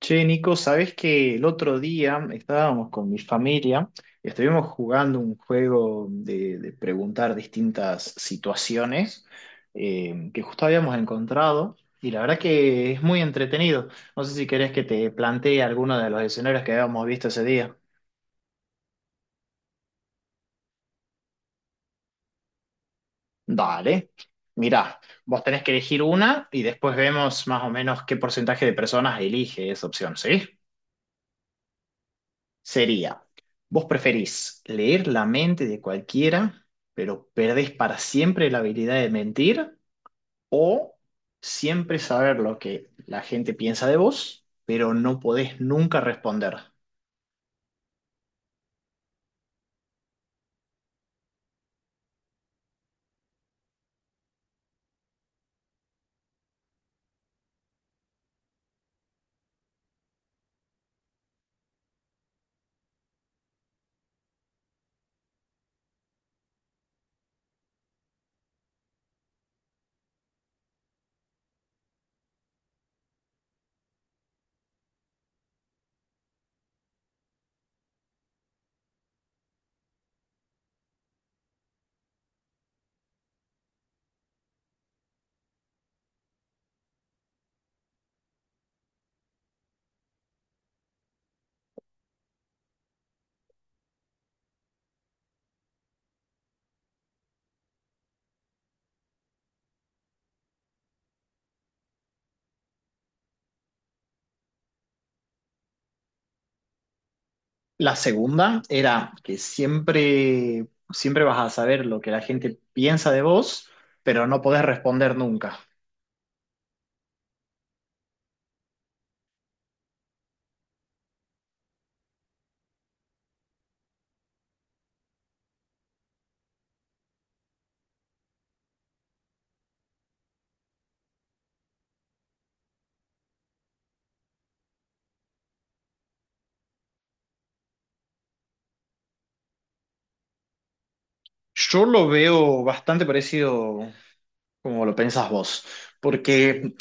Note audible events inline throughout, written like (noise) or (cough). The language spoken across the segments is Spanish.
Che, Nico, sabes que el otro día estábamos con mi familia y estuvimos jugando un juego de preguntar distintas situaciones que justo habíamos encontrado y la verdad que es muy entretenido. No sé si querés que te plantee alguno de los escenarios que habíamos visto ese día. Dale. Mirá, vos tenés que elegir una y después vemos más o menos qué porcentaje de personas elige esa opción, ¿sí? Sería, vos preferís leer la mente de cualquiera, pero perdés para siempre la habilidad de mentir, o siempre saber lo que la gente piensa de vos, pero no podés nunca responder. La segunda era que siempre, siempre vas a saber lo que la gente piensa de vos, pero no podés responder nunca. Yo lo veo bastante parecido como lo pensás vos, porque...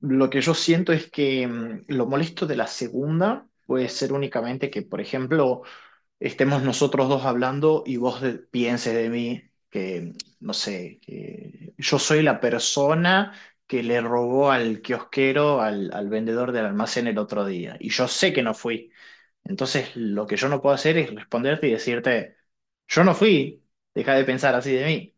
Lo que yo siento es que lo molesto de la segunda puede ser únicamente que, por ejemplo, estemos nosotros dos hablando y vos pienses de mí que, no sé, que yo soy la persona que le robó al kiosquero, al, al vendedor del almacén el otro día. Y yo sé que no fui. Entonces, lo que yo no puedo hacer es responderte y decirte, yo no fui, deja de pensar así de mí.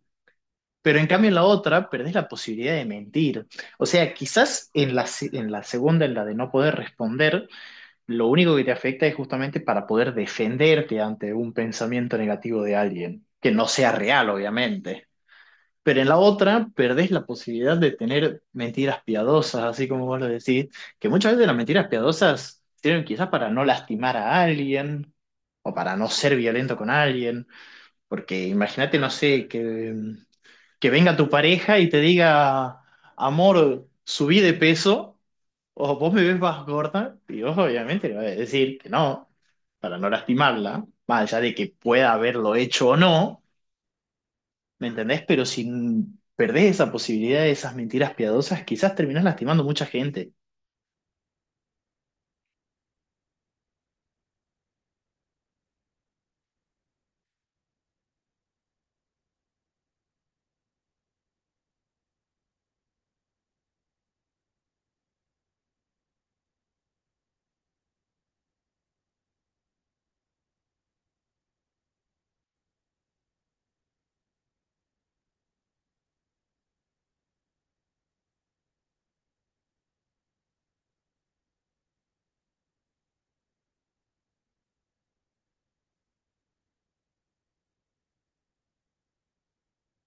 Pero en cambio en la otra perdés la posibilidad de mentir. O sea, quizás en en la segunda, en la de no poder responder, lo único que te afecta es justamente para poder defenderte ante un pensamiento negativo de alguien, que no sea real, obviamente. Pero en la otra perdés la posibilidad de tener mentiras piadosas, así como vos lo decís, que muchas veces las mentiras piadosas sirven quizás para no lastimar a alguien o para no ser violento con alguien, porque imagínate, no sé, que venga tu pareja y te diga, amor, subí de peso, o vos me ves más gorda, y vos obviamente le vas a decir que no, para no lastimarla, más allá de que pueda haberlo hecho o no, ¿me entendés? Pero si perdés esa posibilidad de esas mentiras piadosas, quizás terminás lastimando mucha gente.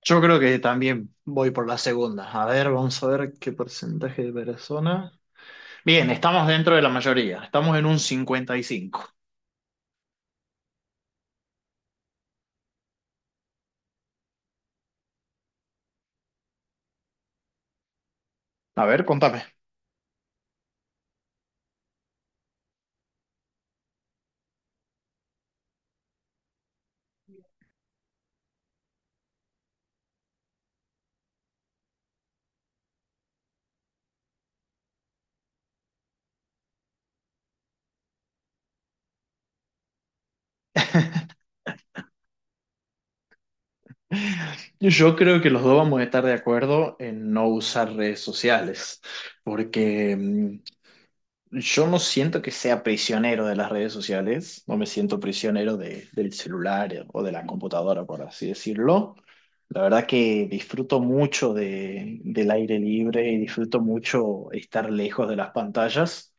Yo creo que también voy por la segunda. A ver, vamos a ver qué porcentaje de personas. Bien, estamos dentro de la mayoría. Estamos en un 55. A ver, contame. Yo creo que los dos vamos a estar de acuerdo en no usar redes sociales, porque yo no siento que sea prisionero de las redes sociales, no me siento prisionero del celular o de la computadora, por así decirlo. La verdad que disfruto mucho del aire libre y disfruto mucho estar lejos de las pantallas.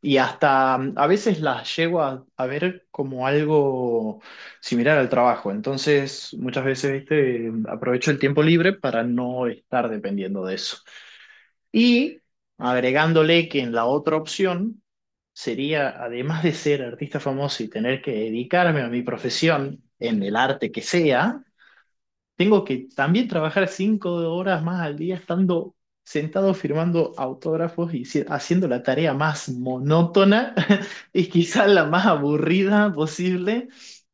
Y hasta a veces las llego a ver como algo similar al trabajo. Entonces, muchas veces, viste, aprovecho el tiempo libre para no estar dependiendo de eso. Y agregándole que en la otra opción sería, además de ser artista famoso y tener que dedicarme a mi profesión en el arte que sea, tengo que también trabajar 5 horas más al día estando sentado firmando autógrafos y haciendo la tarea más monótona (laughs) y quizás la más aburrida posible.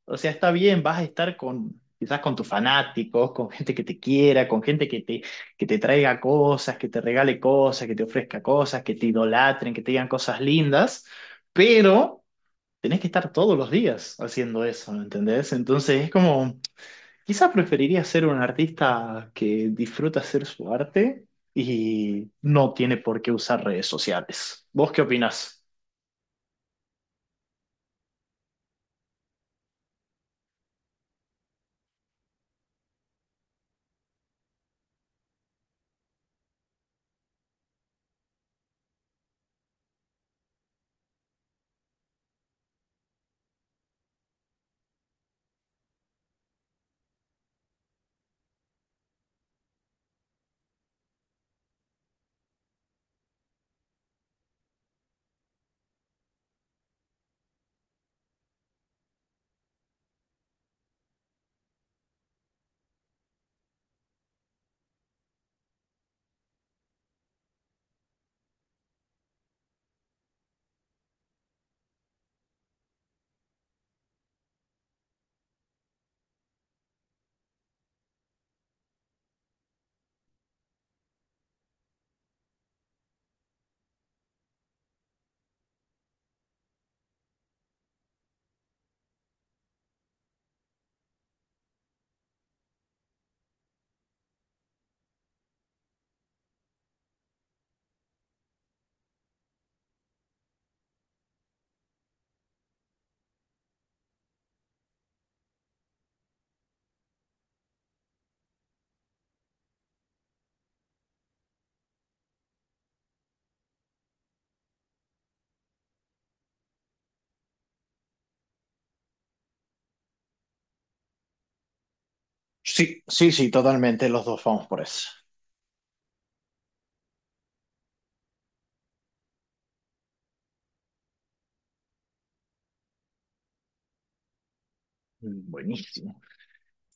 O sea, está bien, vas a estar con quizás con tus fanáticos, con gente que te quiera, con gente que te traiga cosas, que te regale cosas, que te ofrezca cosas, que te idolatren, que te digan cosas lindas, pero tenés que estar todos los días haciendo eso, ¿me entendés? Entonces es como... Quizás preferiría ser un artista que disfruta hacer su arte y no tiene por qué usar redes sociales. ¿Vos qué opinás? Sí, sí, sí, totalmente, los dos vamos por eso. Mm, buenísimo.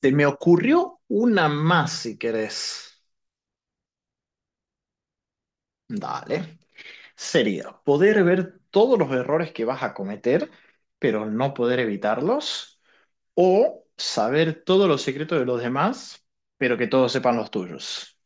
Se me ocurrió una más si querés. Dale. Sería poder ver todos los errores que vas a cometer, pero no poder evitarlos, o saber todos los secretos de los demás, pero que todos sepan los tuyos.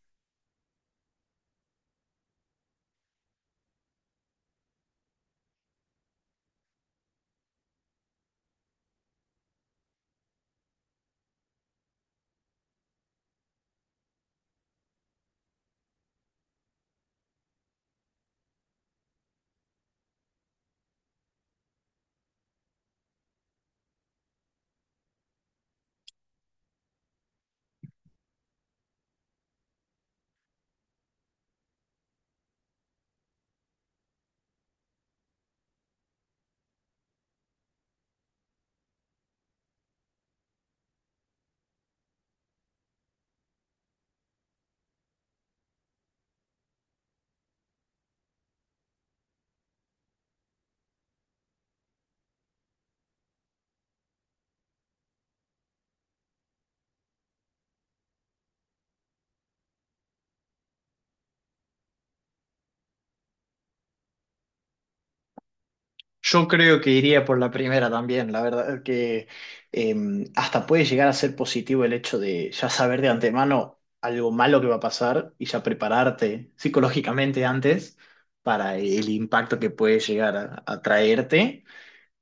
Yo creo que iría por la primera también, la verdad que eh, hasta puede llegar a ser positivo el hecho de ya saber de antemano algo malo que va a pasar y ya prepararte psicológicamente antes para el impacto que puede llegar a traerte.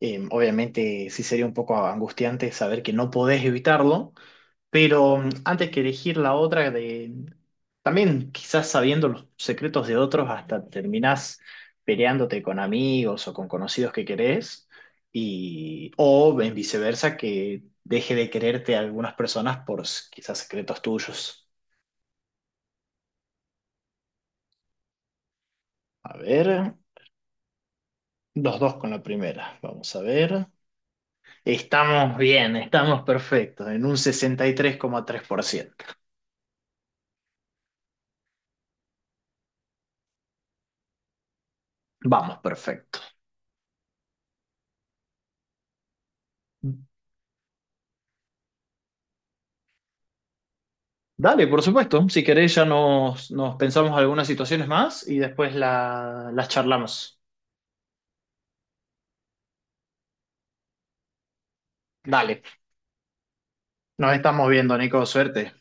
Obviamente sí sería un poco angustiante saber que no podés evitarlo, pero antes que elegir la otra, de, también quizás sabiendo los secretos de otros, hasta terminás peleándote con amigos o con conocidos que querés, y, o en viceversa, que deje de quererte a algunas personas por quizás secretos tuyos. A ver, los dos con la primera, vamos a ver. Estamos bien, estamos perfectos, en un 63,3%. Vamos, perfecto. Dale, por supuesto. Si querés, ya nos pensamos algunas situaciones más y después las charlamos. Dale. Nos estamos viendo, Nico. Suerte.